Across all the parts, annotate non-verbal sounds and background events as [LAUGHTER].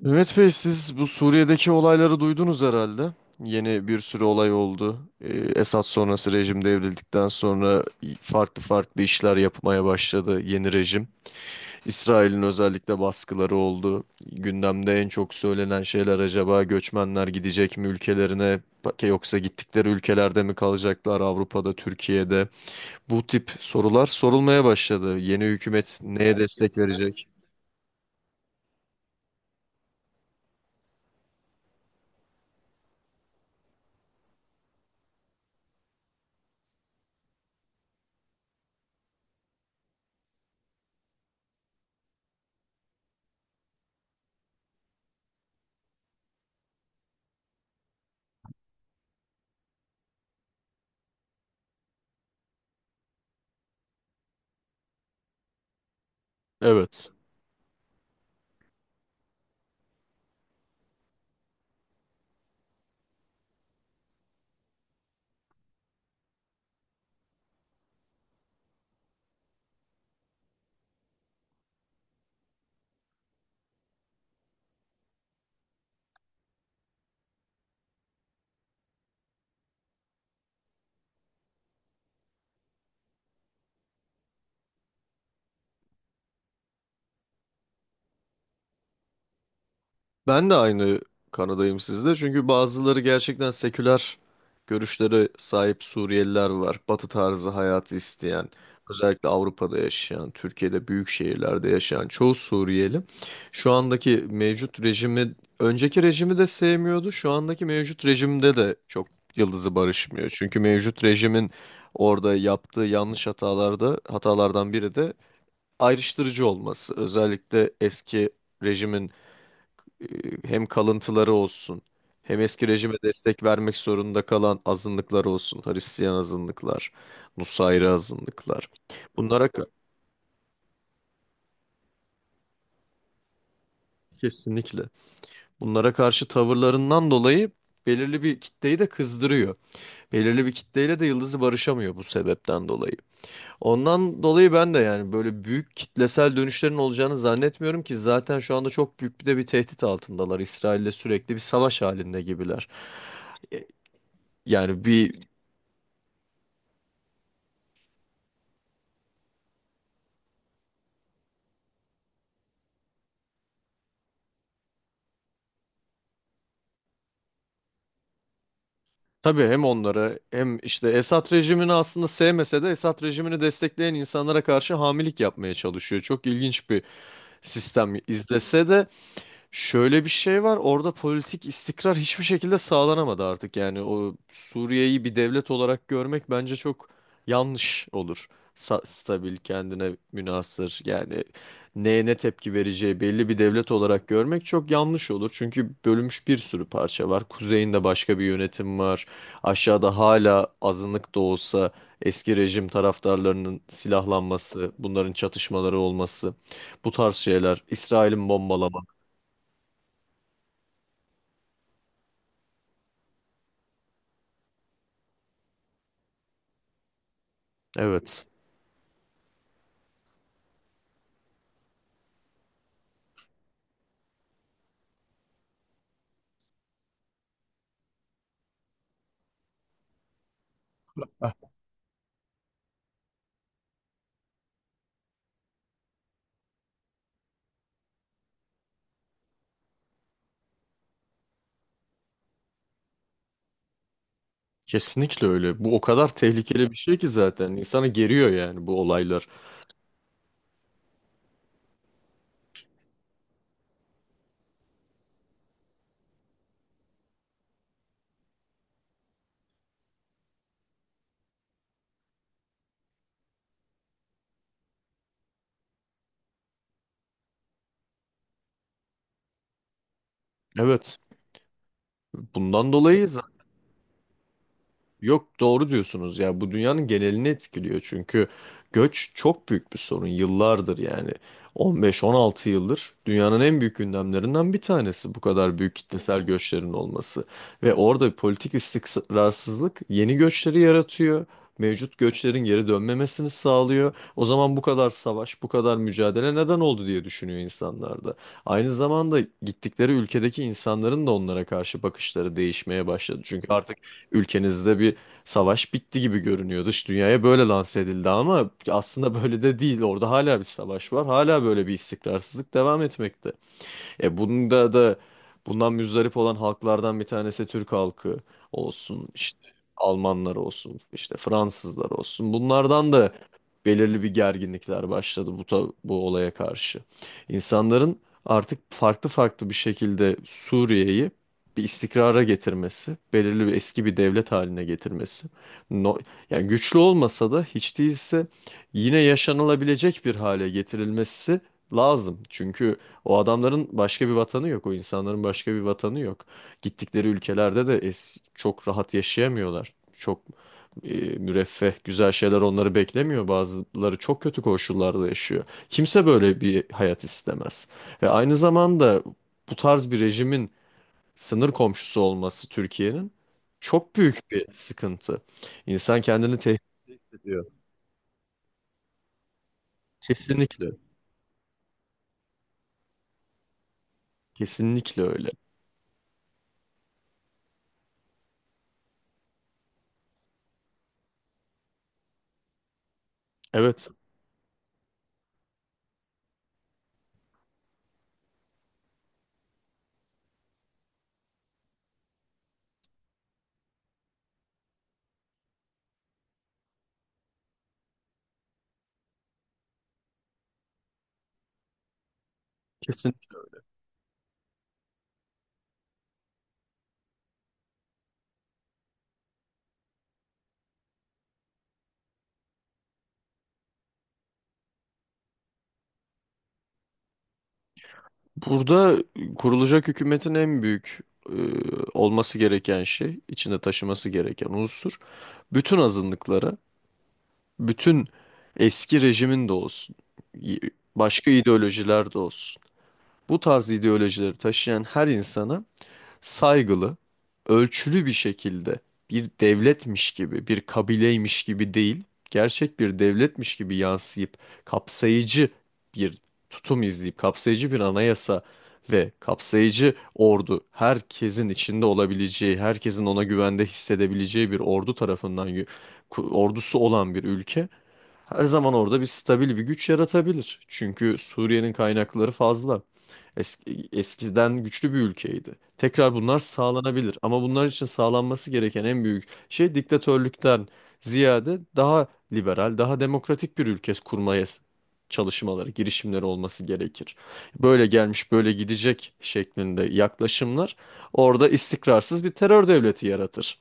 Mehmet Bey siz bu Suriye'deki olayları duydunuz herhalde. Yeni bir sürü olay oldu. Esad sonrası rejim devrildikten sonra farklı farklı işler yapmaya başladı yeni rejim. İsrail'in özellikle baskıları oldu. Gündemde en çok söylenen şeyler acaba göçmenler gidecek mi ülkelerine yoksa gittikleri ülkelerde mi kalacaklar Avrupa'da, Türkiye'de? Bu tip sorular sorulmaya başladı. Yeni hükümet neye destek verecek? Evet. Ben de aynı kanadayım sizde. Çünkü bazıları gerçekten seküler görüşlere sahip Suriyeliler var. Batı tarzı hayatı isteyen, özellikle Avrupa'da yaşayan, Türkiye'de büyük şehirlerde yaşayan çoğu Suriyeli şu andaki mevcut rejimi, önceki rejimi de sevmiyordu. Şu andaki mevcut rejimde de çok yıldızı barışmıyor. Çünkü mevcut rejimin orada yaptığı yanlış hatalardan biri de ayrıştırıcı olması. Özellikle eski rejimin e, hem kalıntıları olsun hem eski rejime destek vermek zorunda kalan azınlıklar olsun. Hristiyan azınlıklar, Nusayri azınlıklar. Bunlara ka- Kesinlikle bunlara karşı tavırlarından dolayı belirli bir kitleyi de kızdırıyor. Belirli bir kitleyle de Yıldız'ı barışamıyor bu sebepten dolayı. Ondan dolayı ben de yani böyle büyük kitlesel dönüşlerin olacağını zannetmiyorum ki zaten şu anda çok büyük bir de bir tehdit altındalar. İsrail'le sürekli bir savaş halinde gibiler. E, Yani bir Tabii hem onları hem işte Esad rejimini aslında sevmese de Esad rejimini destekleyen insanlara karşı hamilik yapmaya çalışıyor. Çok ilginç bir sistem izlese de şöyle bir şey var orada politik istikrar hiçbir şekilde sağlanamadı artık yani o Suriye'yi bir devlet olarak görmek bence çok yanlış olur. Stabil kendine münhasır yani neye ne tepki vereceği belli bir devlet olarak görmek çok yanlış olur. Çünkü bölünmüş bir sürü parça var. Kuzeyinde başka bir yönetim var. Aşağıda hala azınlık da olsa eski rejim taraftarlarının silahlanması, bunların çatışmaları olması bu tarz şeyler, İsrail'in bombalaması. Evet. Kesinlikle öyle. Bu o kadar tehlikeli bir şey ki zaten. İnsanı geriyor yani bu olaylar. Evet. Bundan dolayı yok doğru diyorsunuz ya bu dünyanın genelini etkiliyor çünkü göç çok büyük bir sorun yıllardır yani 15-16 yıldır dünyanın en büyük gündemlerinden bir tanesi bu kadar büyük kitlesel göçlerin olması ve orada politik istikrarsızlık yeni göçleri yaratıyor, mevcut göçlerin geri dönmemesini sağlıyor. O zaman bu kadar savaş bu kadar mücadele neden oldu diye düşünüyor insanlar. Da aynı zamanda gittikleri ülkedeki insanların da onlara karşı bakışları değişmeye başladı çünkü artık ülkenizde bir savaş bitti gibi görünüyor. Dış dünyaya böyle lanse edildi ama aslında böyle de değil. Orada hala bir savaş var. Hala böyle bir istikrarsızlık devam etmekte. E bunda da bundan müzdarip olan halklardan bir tanesi Türk halkı olsun, işte Almanlar olsun, işte Fransızlar olsun. Bunlardan da belirli bir gerginlikler başladı bu olaya karşı. İnsanların artık farklı farklı bir şekilde Suriye'yi bir istikrara getirmesi, belirli bir eski bir devlet haline getirmesi. No, yani güçlü olmasa da hiç değilse yine yaşanılabilecek bir hale getirilmesi lazım. Çünkü o adamların başka bir vatanı yok. O insanların başka bir vatanı yok. Gittikleri ülkelerde de es çok rahat yaşayamıyorlar. Çok müreffeh, güzel şeyler onları beklemiyor. Bazıları çok kötü koşullarda yaşıyor. Kimse böyle bir hayat istemez. Ve aynı zamanda bu tarz bir rejimin sınır komşusu olması Türkiye'nin çok büyük bir sıkıntı. İnsan kendini tehdit ediyor. Kesinlikle. Kesinlikle öyle. Evet. Kesin. Burada kurulacak hükümetin en büyük e, olması gereken şey, içinde taşıması gereken unsur, bütün azınlıklara, bütün eski rejimin de olsun, y- başka ideolojiler de olsun. Bu tarz ideolojileri taşıyan her insana saygılı, ölçülü bir şekilde bir devletmiş gibi, bir kabileymiş gibi değil, gerçek bir devletmiş gibi yansıyıp kapsayıcı bir tutum izleyip kapsayıcı bir anayasa ve kapsayıcı ordu herkesin içinde olabileceği, herkesin ona güvende hissedebileceği bir ordu tarafından ordusu olan bir ülke her zaman orada bir stabil bir güç yaratabilir. Çünkü Suriye'nin kaynakları fazla. Eski, eskiden güçlü bir ülkeydi. Tekrar bunlar sağlanabilir. Ama bunlar için sağlanması gereken en büyük şey diktatörlükten ziyade daha liberal, daha demokratik bir ülke kurmaya çalışmaları, girişimleri olması gerekir. Böyle gelmiş, böyle gidecek şeklinde yaklaşımlar orada istikrarsız bir terör devleti yaratır.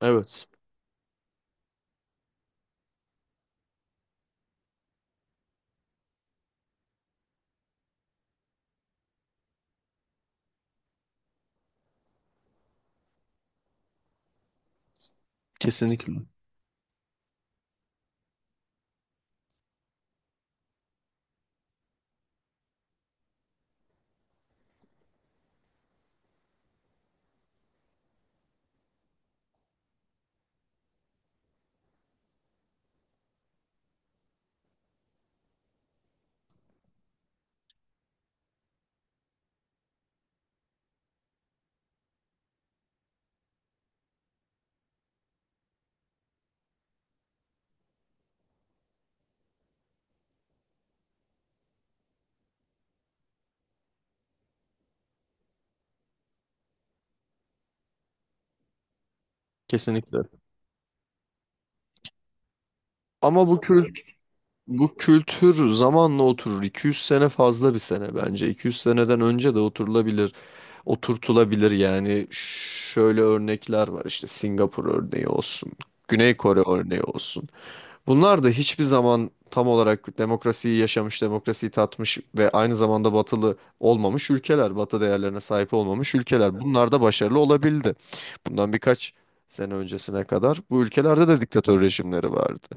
Evet, kesinlikle. Ama bu kült bu kültür zamanla oturur. 200 sene fazla bir sene bence. 200 seneden önce de oturulabilir, oturtulabilir yani. Şöyle örnekler var işte Singapur örneği olsun, Güney Kore örneği olsun. Bunlar da hiçbir zaman tam olarak demokrasiyi yaşamış, demokrasiyi tatmış ve aynı zamanda batılı olmamış ülkeler, batı değerlerine sahip olmamış ülkeler. Bunlar da başarılı olabildi. Bundan birkaç sene öncesine kadar bu ülkelerde de diktatör rejimleri vardı.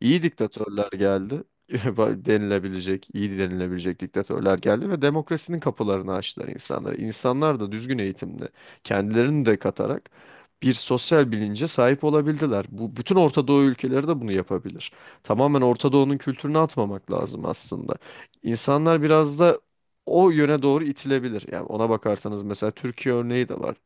İyi diktatörler geldi, [LAUGHS] denilebilecek, iyi denilebilecek diktatörler geldi ve demokrasinin kapılarını açtılar insanlara. İnsanlar da düzgün eğitimle kendilerini de katarak bir sosyal bilince sahip olabildiler. Bu bütün Orta Doğu ülkeleri de bunu yapabilir. Tamamen Orta Doğu'nun kültürünü atmamak lazım aslında. İnsanlar biraz da o yöne doğru itilebilir. Yani ona bakarsanız mesela Türkiye örneği de var.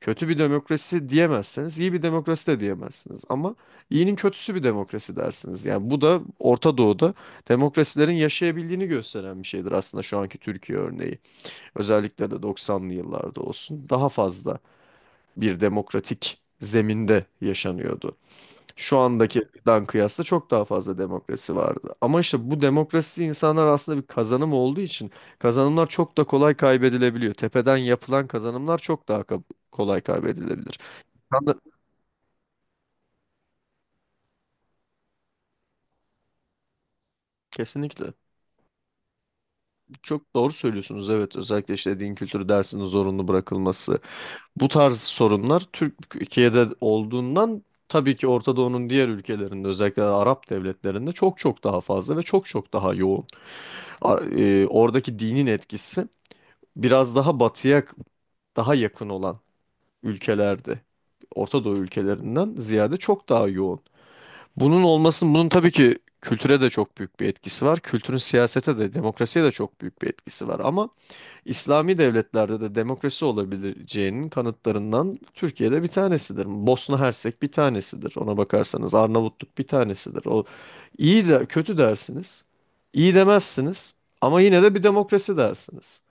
Kötü bir demokrasi diyemezseniz, iyi bir demokrasi de diyemezsiniz. Ama iyinin kötüsü bir demokrasi dersiniz. Yani bu da Orta Doğu'da demokrasilerin yaşayabildiğini gösteren bir şeydir aslında şu anki Türkiye örneği. Özellikle de 90'lı yıllarda olsun. Daha fazla bir demokratik zeminde yaşanıyordu. Şu andakidan kıyasla çok daha fazla demokrasi vardı. Ama işte bu demokrasi insanlar aslında bir kazanım olduğu için kazanımlar çok da kolay kaybedilebiliyor. Tepeden yapılan kazanımlar çok daha kolay kaybedilebilir. Ben de- Kesinlikle. Çok doğru söylüyorsunuz. Evet, özellikle işte din kültürü dersinin zorunlu bırakılması. Bu tarz sorunlar Türkiye'de olduğundan tabii ki Orta Doğu'nun diğer ülkelerinde özellikle Arap devletlerinde çok çok daha fazla ve çok çok daha yoğun. Oradaki dinin etkisi biraz daha batıya daha yakın olan ülkelerde, Orta Doğu ülkelerinden ziyade çok daha yoğun. Bunun olmasının, bunun tabii ki kültüre de çok büyük bir etkisi var. Kültürün siyasete de, demokrasiye de çok büyük bir etkisi var. Ama İslami devletlerde de demokrasi olabileceğinin kanıtlarından Türkiye'de bir tanesidir. Bosna Hersek bir tanesidir. Ona bakarsanız Arnavutluk bir tanesidir. O iyi de kötü dersiniz. İyi demezsiniz ama yine de bir demokrasi dersiniz.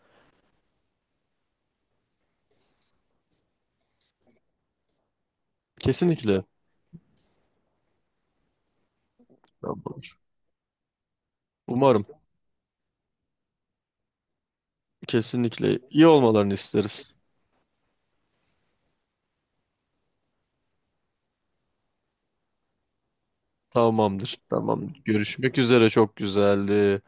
Kesinlikle. Tamamdır. Umarım. Kesinlikle iyi olmalarını isteriz. Tamamdır. Tamam. Görüşmek üzere çok güzeldi.